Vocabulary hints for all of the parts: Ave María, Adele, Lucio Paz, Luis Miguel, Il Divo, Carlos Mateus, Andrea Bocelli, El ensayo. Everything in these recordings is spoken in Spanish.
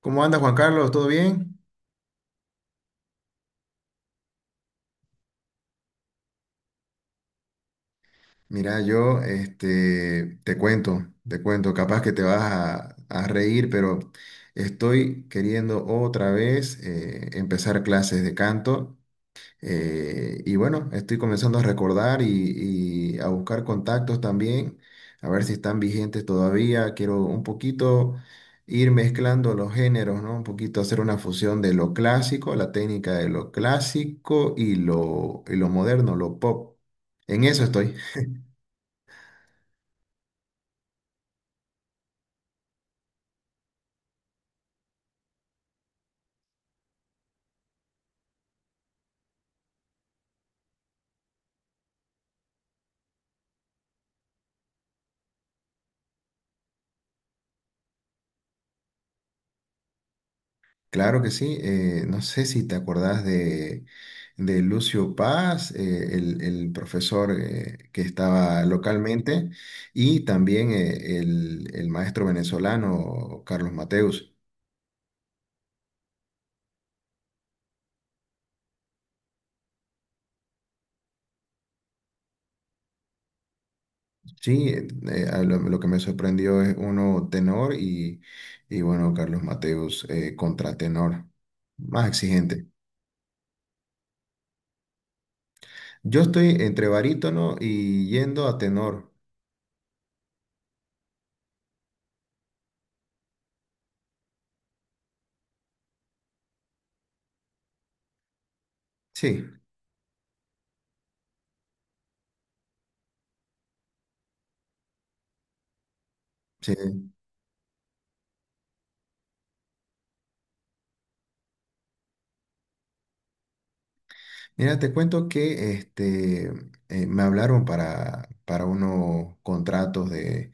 ¿Cómo anda Juan Carlos? ¿Todo bien? Mira, yo este, te cuento, capaz que te vas a reír, pero estoy queriendo otra vez empezar clases de canto. Y bueno, estoy comenzando a recordar y a buscar contactos también, a ver si están vigentes todavía. Quiero un poquito ir mezclando los géneros, ¿no? Un poquito hacer una fusión de lo clásico, la técnica de lo clásico y lo moderno, lo pop. En eso estoy. Claro que sí. No sé si te acordás de Lucio Paz, el profesor que estaba localmente, y también el maestro venezolano Carlos Mateus. Sí, a lo que me sorprendió es uno tenor y bueno, Carlos Mateus contratenor, más exigente. Yo estoy entre barítono y yendo a tenor. Sí. Sí, mira, te cuento que este, me hablaron para unos contratos de,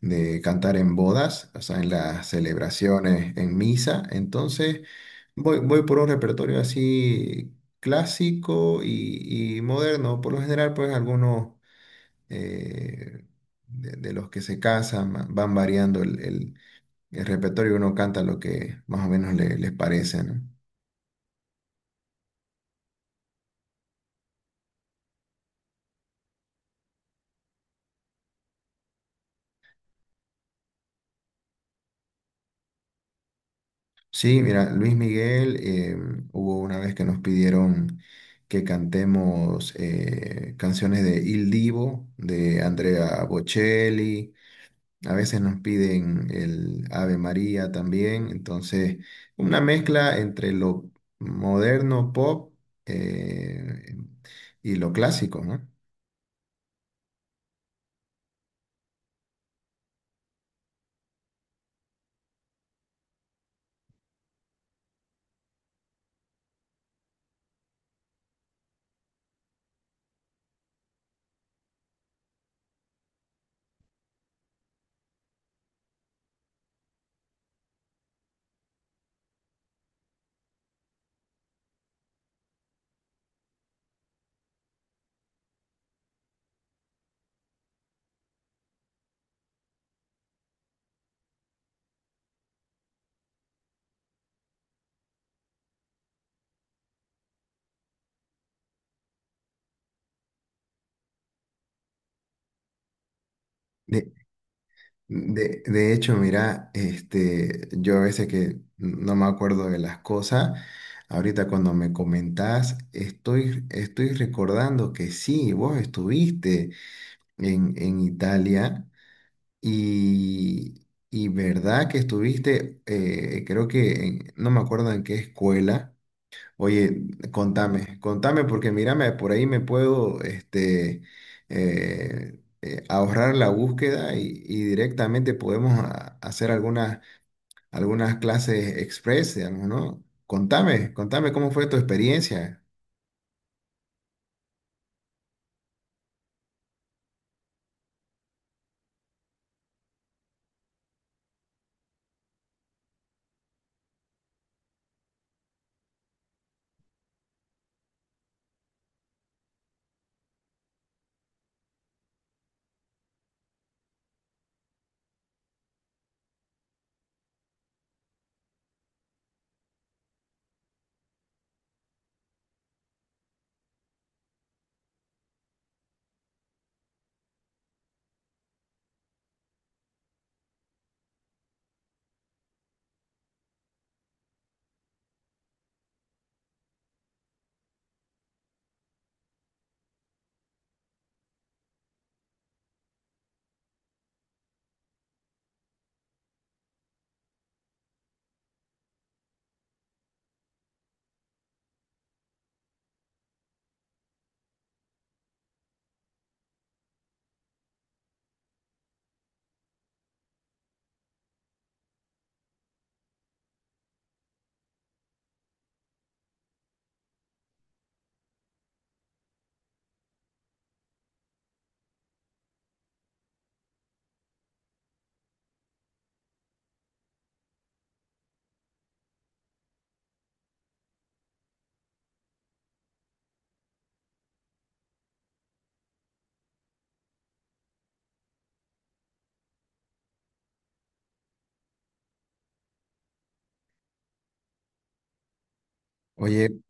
de cantar en bodas, o sea, en las celebraciones, en misa. Entonces, voy por un repertorio así clásico y moderno. Por lo general, pues algunos eh, de los que se casan van variando el repertorio. Uno canta lo que más o menos les parece, ¿no? Sí, mira, Luis Miguel, hubo una vez que nos pidieron que cantemos canciones de Il Divo, de Andrea Bocelli, a veces nos piden el Ave María también, entonces una mezcla entre lo moderno pop, eh, y lo clásico, ¿no? De hecho, mira, este, yo a veces que no me acuerdo de las cosas, ahorita cuando me comentás, estoy recordando que sí, vos estuviste en Italia y verdad que estuviste, creo que, no me acuerdo en qué escuela. Oye, contame, porque mírame, por ahí me puedo este, ahorrar la búsqueda y directamente podemos hacer algunas clases express, digamos, ¿no? Contame cómo fue tu experiencia. Oye,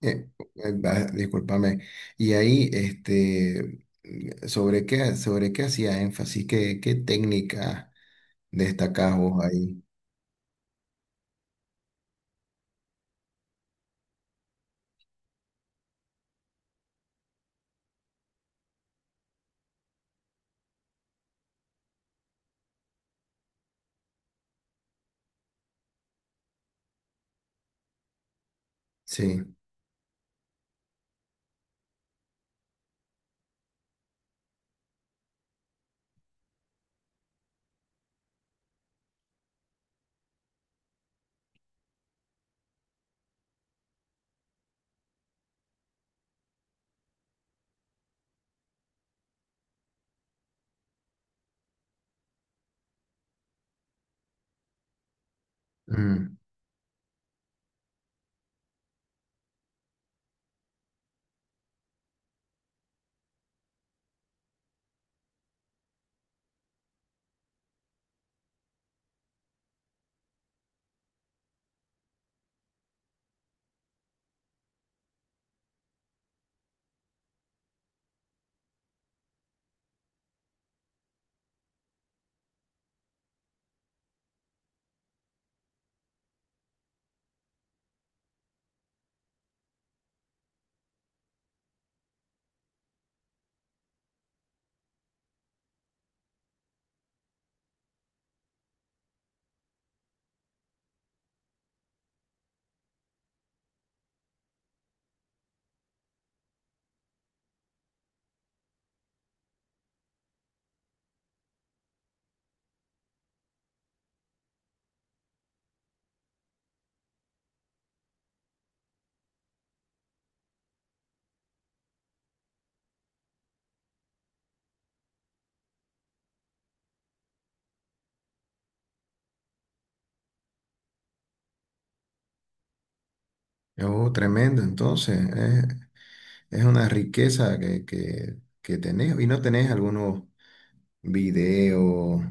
eh, discúlpame. Y ahí, este, ¿sobre qué hacía énfasis? ¿Qué técnica destacás vos ahí? Sí. Mm. Oh, tremendo, entonces. Es una riqueza que tenés y no tenés algunos videos.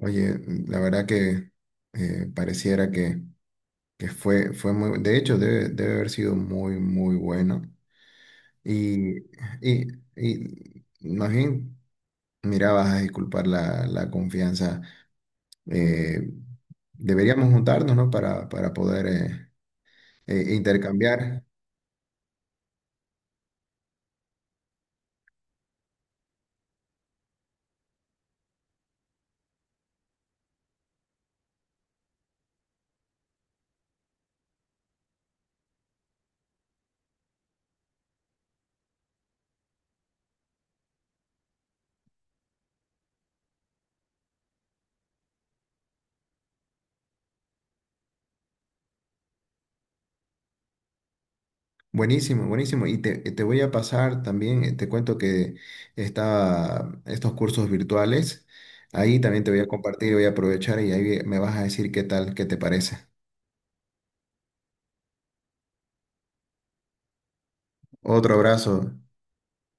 Oye, la verdad que pareciera que fue, fue muy, de hecho debe haber sido muy, muy bueno. Y, y, y más bien, mira, vas a disculpar la confianza. Eh, Deberíamos juntarnos, ¿no? Para poder intercambiar. Buenísimo, buenísimo. Y te, te voy a pasar también, te cuento que está estos cursos virtuales. Ahí también te voy a compartir, voy a aprovechar y ahí me vas a decir qué tal, qué te parece. Otro abrazo.